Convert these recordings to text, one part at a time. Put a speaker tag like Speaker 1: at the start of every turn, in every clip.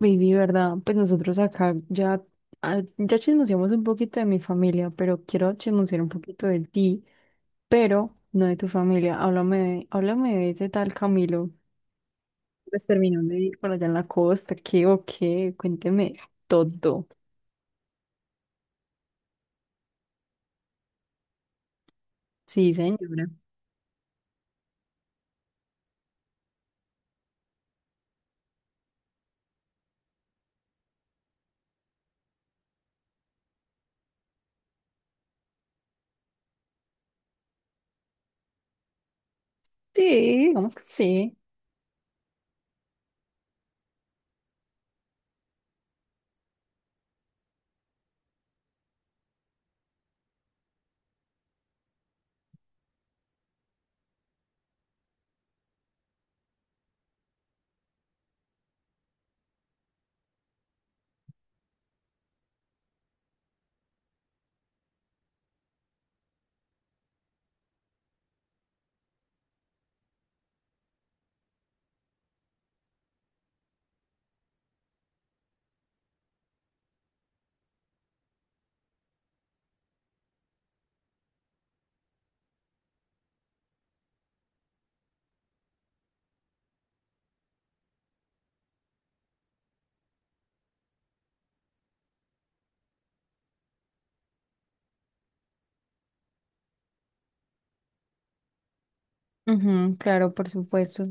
Speaker 1: Baby, ¿verdad? Pues nosotros acá ya, ya chismoseamos un poquito de mi familia, pero quiero chismosear un poquito de ti, pero no de tu familia. Háblame de ese tal Camilo. Pues terminó de ir por allá en la costa, ¿qué o qué? Cuénteme todo. Sí, señora. Sí, digamos que sí. Ujú, claro, por supuesto.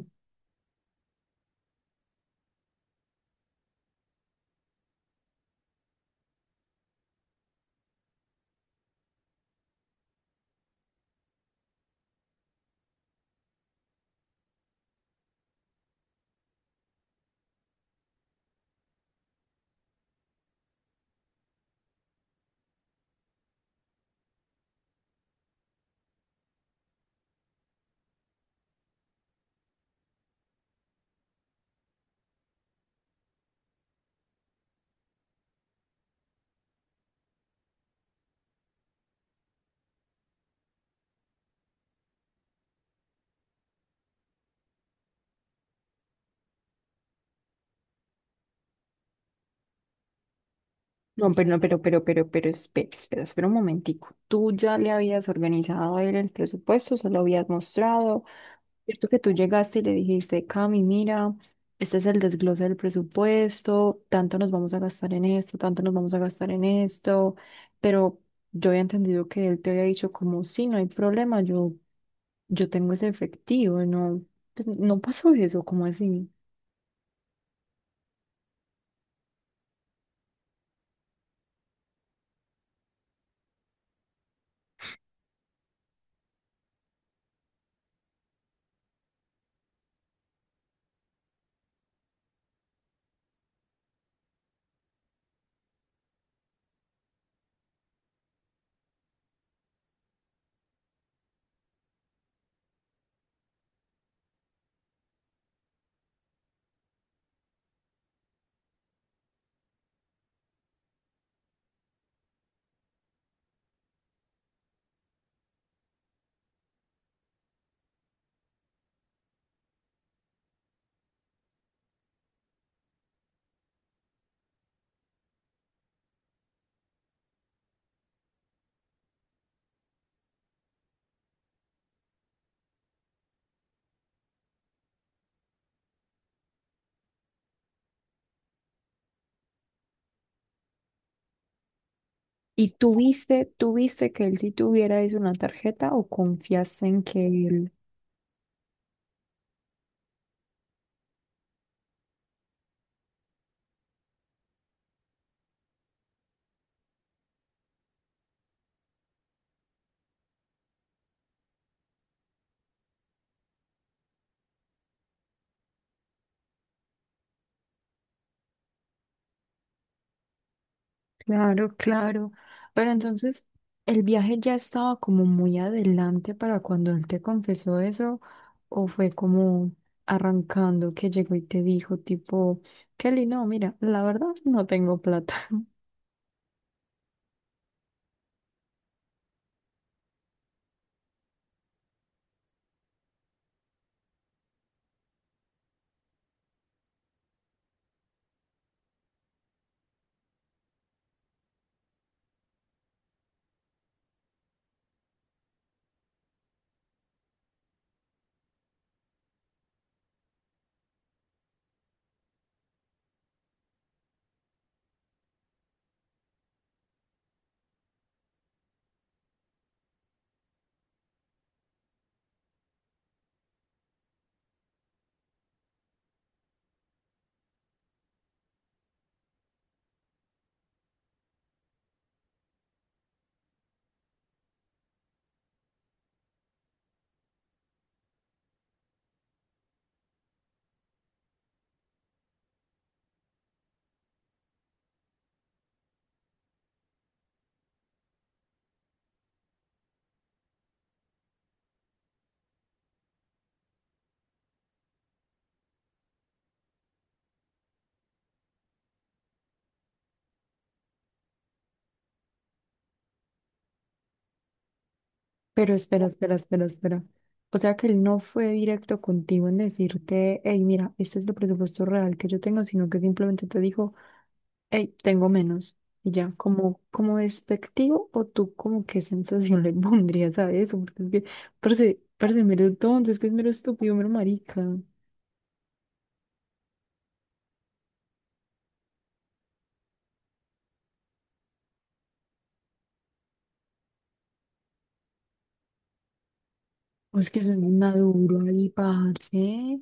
Speaker 1: No, pero espera, espera, espera un momentico. ¿Tú ya le habías organizado a él el presupuesto? ¿Se lo habías mostrado? Cierto que tú llegaste y le dijiste, Cami, mira, este es el desglose del presupuesto, tanto nos vamos a gastar en esto, tanto nos vamos a gastar en esto, pero yo había entendido que él te había dicho como, sí, no hay problema, yo tengo ese efectivo, no, pues, no pasó eso, como así? ¿Y tuviste, tuviste que él sí tuviera eso en la tarjeta o confiaste en que él? Claro, claro. Pero entonces, ¿el viaje ya estaba como muy adelante para cuando él te confesó eso? ¿O fue como arrancando que llegó y te dijo tipo, Kelly, no, mira, la verdad no tengo plata? Pero espera, espera, espera, espera. O sea que él no fue directo contigo en decirte, hey, mira, este es el presupuesto real que yo tengo, sino que simplemente te dijo, ey, tengo menos. Y ya, como, como despectivo, o tú, ¿como qué sensación le pondrías a eso? Porque es que parece, parece mero tonto, es que es mero estúpido, mero marica. O es que soy muy maduro ahí, parce.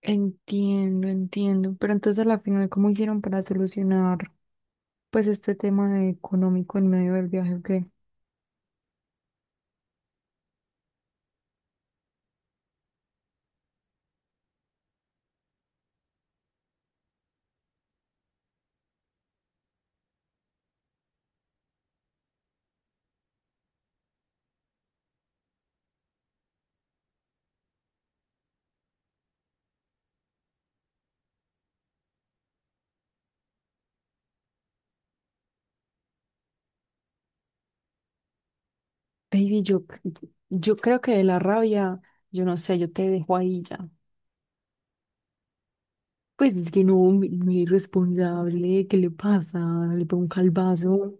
Speaker 1: Entiendo, entiendo. Pero entonces, a la final, ¿cómo hicieron para solucionar, pues, este tema económico en medio del viaje? ¿O qué? Baby, yo creo que de la rabia, yo no sé, yo te dejo ahí ya. Pues es que no, muy irresponsable, ¿qué le pasa? Le pego un calvazo.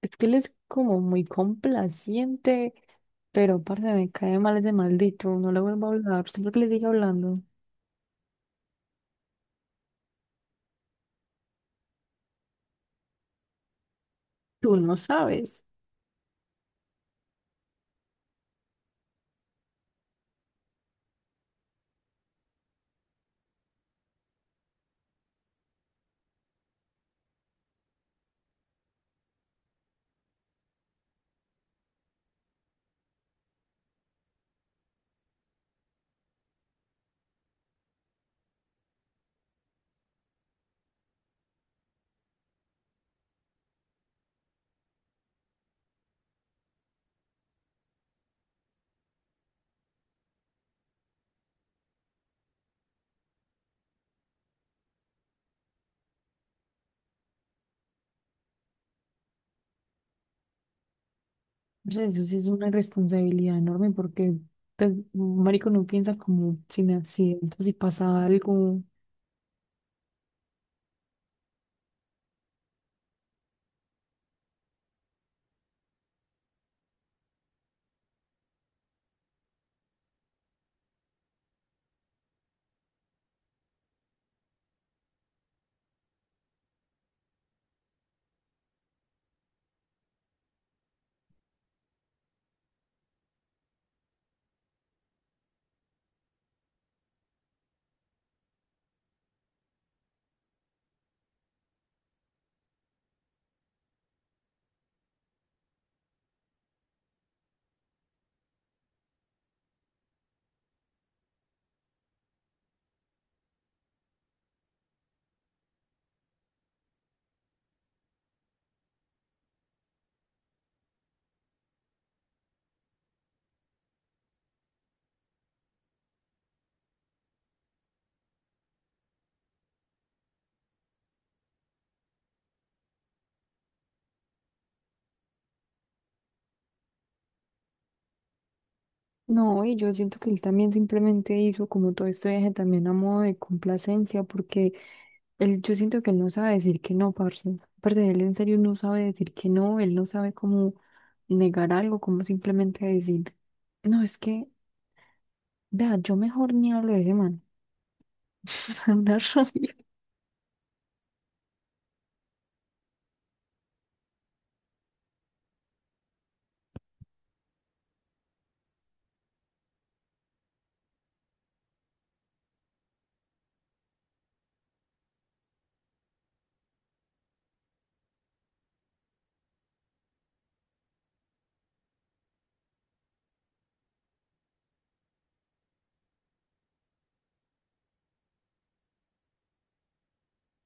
Speaker 1: Es que él es como muy complaciente, pero parce, me cae mal ese maldito. No le vuelvo a hablar. Siempre que le sigue hablando. Tú no sabes. Pues eso sí es una irresponsabilidad enorme porque pues, un marico no piensa como si me accidento, si pasa algo. No, y yo siento que él también simplemente hizo como todo este viaje también a modo de complacencia, porque él, yo siento que él no sabe decir que no, parce. Parce, él en serio no sabe decir que no, él no sabe cómo negar algo, cómo simplemente decir, no, es que, vea, yo mejor ni hablo de ese man. Me da una rabia.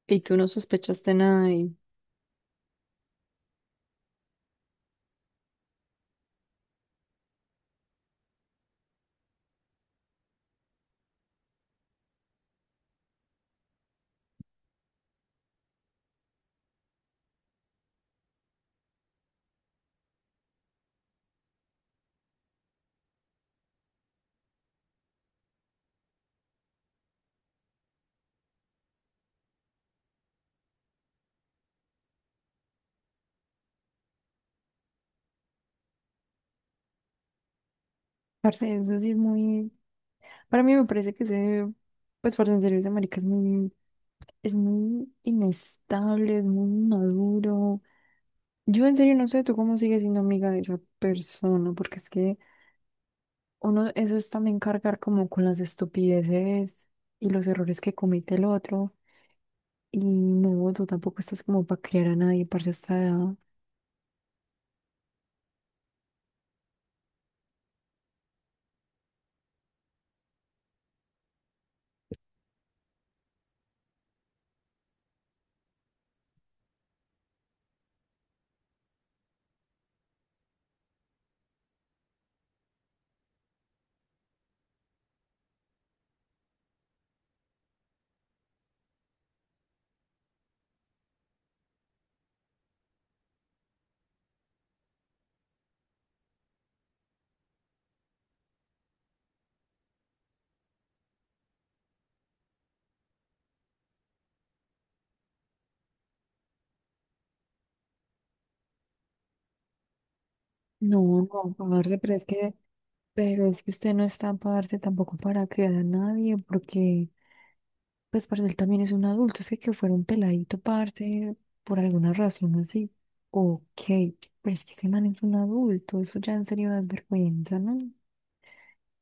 Speaker 1: Y tú no sospechaste nada y, parce, eso sí es muy, para mí me parece que ese, pues, parce, en serio, ese marica es muy inestable, es muy maduro. Yo en serio no sé tú cómo sigues siendo amiga de esa persona, porque es que... Uno, eso es también cargar como con las estupideces y los errores que comete el otro. Y no, tú tampoco estás como para criar a nadie, para esta edad. No, no, para darse, pero es que usted no está para darse tampoco para criar a nadie, porque, pues, parce, él también es un adulto, es que fuera un peladito, parce, por alguna razón así. Ok, pero es que ese man es un adulto, eso ya en serio da vergüenza, ¿no?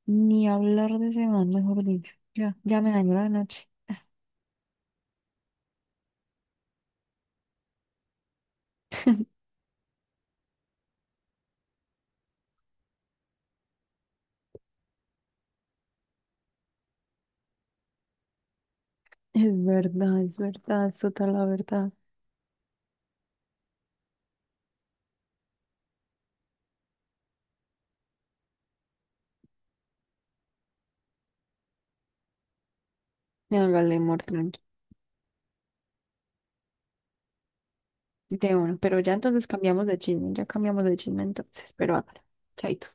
Speaker 1: Ni hablar de ese man, mejor dicho. Ya, ya me dañó la noche. Es verdad, es verdad, es total la verdad. No, hágale, amor, tranqui. De uno. Pero ya entonces cambiamos de chisme, ya cambiamos de chisme entonces, pero hágale. Chaito.